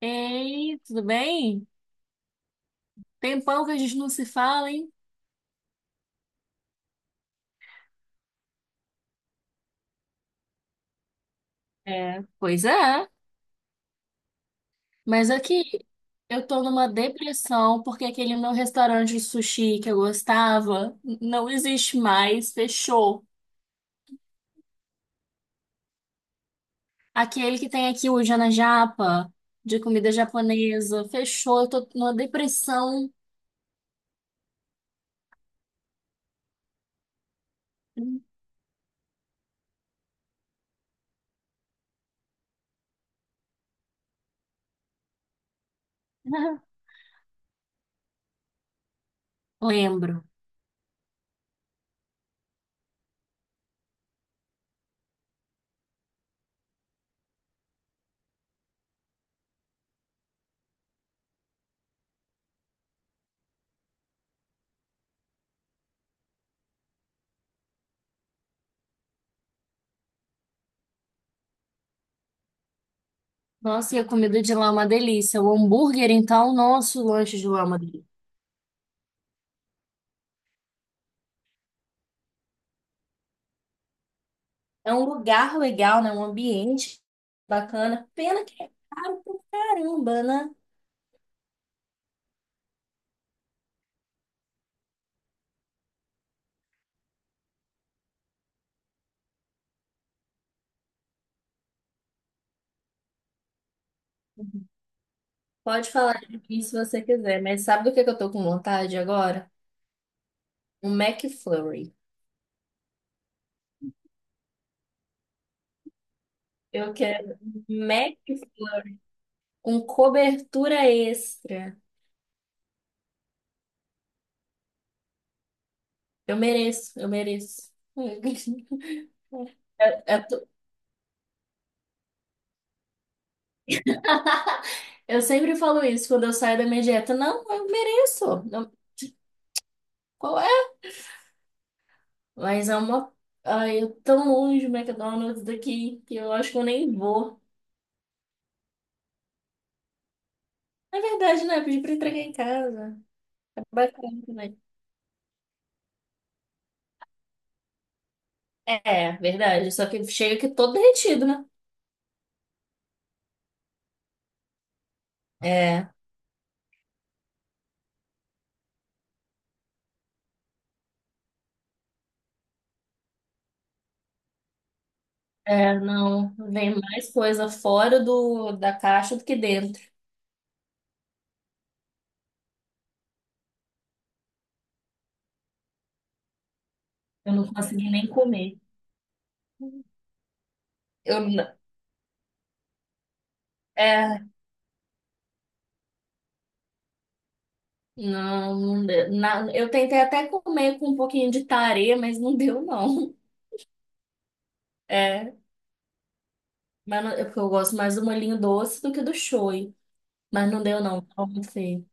Ei, tudo bem? Tempão que a gente não se fala, hein? É, pois é, mas aqui eu tô numa depressão porque aquele meu restaurante de sushi que eu gostava não existe mais, fechou. Aquele que tem aqui o Jana Japa, de comida japonesa, fechou. Eu tô numa depressão. Lembro. Nossa, e a comida de lá é uma delícia. O hambúrguer, então, nosso lanche de lá é uma delícia. É um lugar legal, né? Um ambiente bacana. Pena que é caro pra caramba, né? Pode falar de mim se você quiser, mas sabe do que eu tô com vontade agora? Um McFlurry. Eu quero um McFlurry com cobertura extra. Eu mereço, eu mereço. Eu, eu tô- eu sempre falo isso quando eu saio da minha dieta. Não, eu mereço. Não, qual é. Mas é uma. Ai, eu tão longe do McDonald's daqui que eu acho que eu nem vou. É verdade, né? Pedi pra entregar em casa. É bacana também. É, verdade. Só que chega aqui todo derretido, né? É, é, não. Vem mais coisa fora da caixa do que dentro. Eu não consegui nem comer. Eu, n- é, não, deu. Na, eu tentei até comer com um pouquinho de tarê, mas não deu, não. É, mas é porque eu gosto mais do molhinho doce do que do show. Mas não deu, não. Qual vai ser?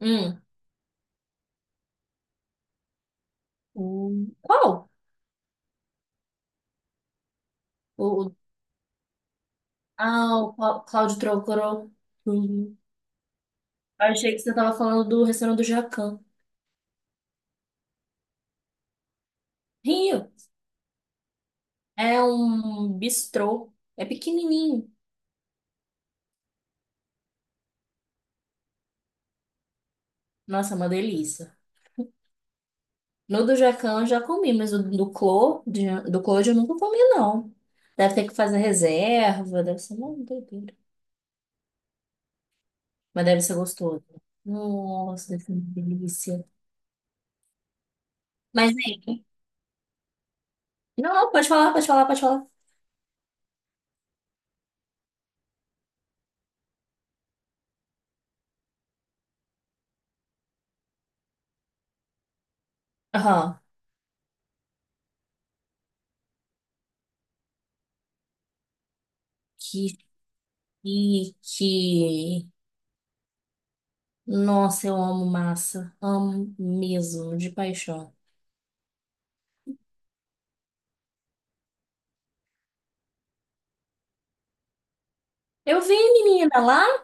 Hum. Qual? O, o- Cláudio Trocoró. Uhum. Eu achei que você tava falando do restaurante do Jacan. Rio. É um bistrô. É pequenininho. Nossa, é uma delícia. No do Jacan eu já comi, mas o do Clô, do Clô eu nunca comi, não. Deve ter que fazer reserva, deve ser uma doideira. Mas deve ser gostoso. Nossa, deve ser uma delícia. Mas aí. Não, não, pode falar, pode falar, pode falar. Aham. E que, nossa, eu amo massa, amo mesmo, de paixão. Eu vi, menina, lá.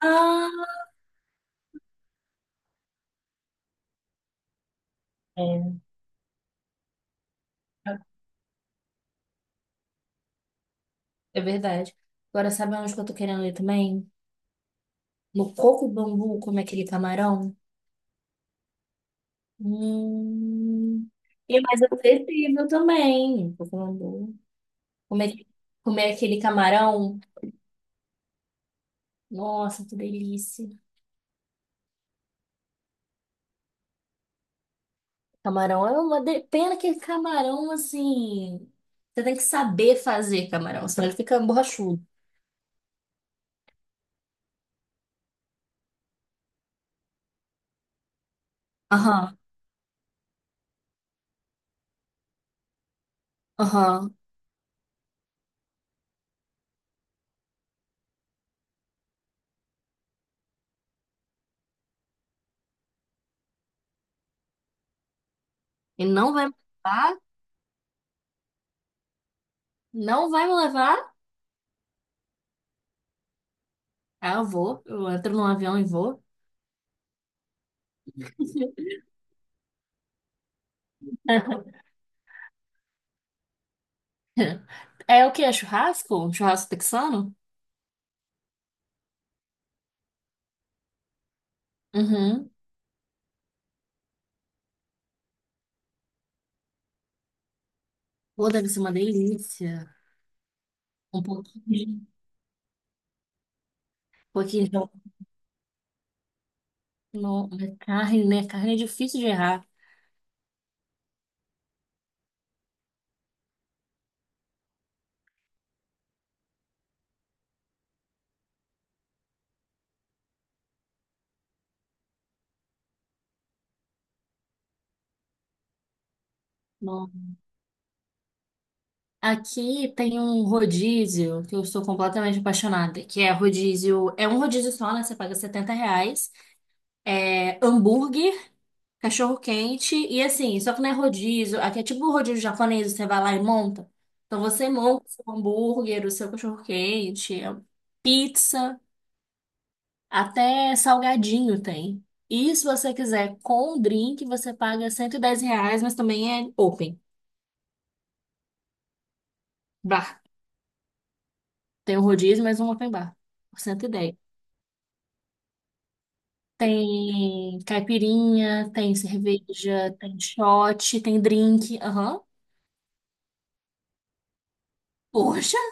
Ah, é, é verdade. Agora sabe onde que eu tô querendo ir também? No coco bambu, como é aquele camarão? Hum. E mais acessível também, coco bambu. Comer, comer aquele camarão. Nossa, que delícia. Camarão é uma de- pena que camarão assim, você tem que saber fazer camarão, senão ele fica borrachudo. Aham, aham. E não vai me levar, não vai me levar. Ah, eu vou, eu entro num avião e vou. É o quê? É churrasco? Um churrasco texano? Uhum. Pô, deve ser uma delícia. Um pouquinho de no, na carne, né? Carne é difícil de errar. Não. Aqui tem um rodízio que eu sou completamente apaixonada, que é rodízio, é um rodízio só, né? Você paga 70 reais. É hambúrguer, cachorro quente e assim, só que não é rodízio. Aqui é tipo o rodízio japonês, você vai lá e monta. Então você monta o seu hambúrguer, o seu cachorro quente, é pizza, até salgadinho tem. E se você quiser com o drink, você paga 110 reais, mas também é open bar. Tem o rodízio, mas um open bar, por 110. Tem caipirinha, tem cerveja, tem shot, tem drink. Aham. Poxa!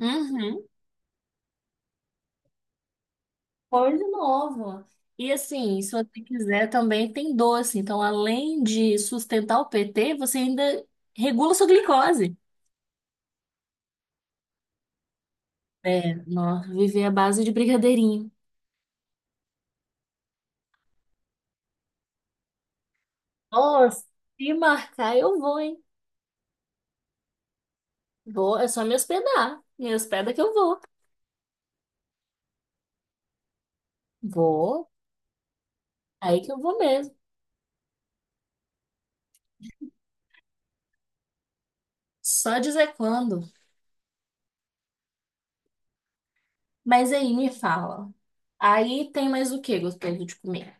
Uhum. Coisa nova. E assim, se você quiser também tem doce. Então, além de sustentar o PT, você ainda regula sua glicose. É, nós viver à base de brigadeirinho. Nossa, se marcar eu vou, hein? Vou, é só me hospedar. Me hospeda que eu vou. Vou, aí que eu vou mesmo. Só dizer quando. Mas aí me fala. Aí tem mais o que gostoso de comer,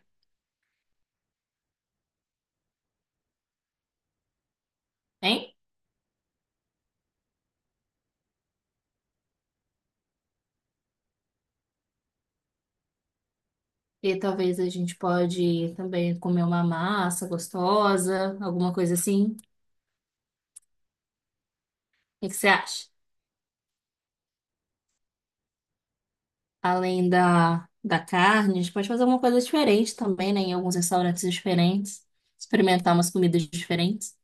hein? E talvez a gente pode também comer uma massa gostosa, alguma coisa assim. O que que você acha? Além da carne, a gente pode fazer alguma coisa diferente também, né? Em alguns restaurantes diferentes. Experimentar umas comidas diferentes.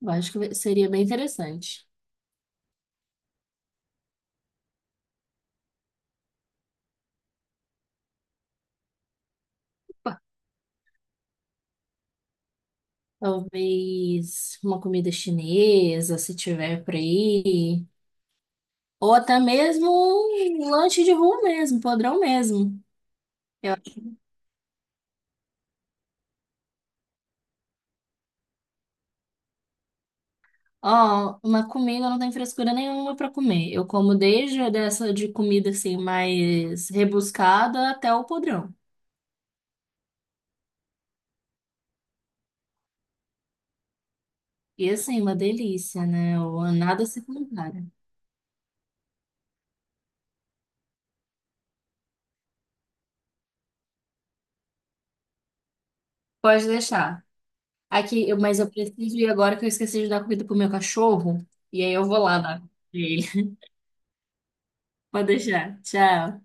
Eu acho que seria bem interessante. Opa, talvez uma comida chinesa, se tiver por aí. Ou até mesmo um lanche de rua mesmo, podrão mesmo. Ó, uma comida eu não tem frescura nenhuma pra comer. Eu como desde dessa de comida assim mais rebuscada até o podrão. E assim, uma delícia, né? O- nada se compara. Pode deixar. Aqui, mas eu preciso ir agora que eu esqueci de dar comida pro meu cachorro. E aí eu vou lá dar comida pra ele. Pode deixar. Tchau.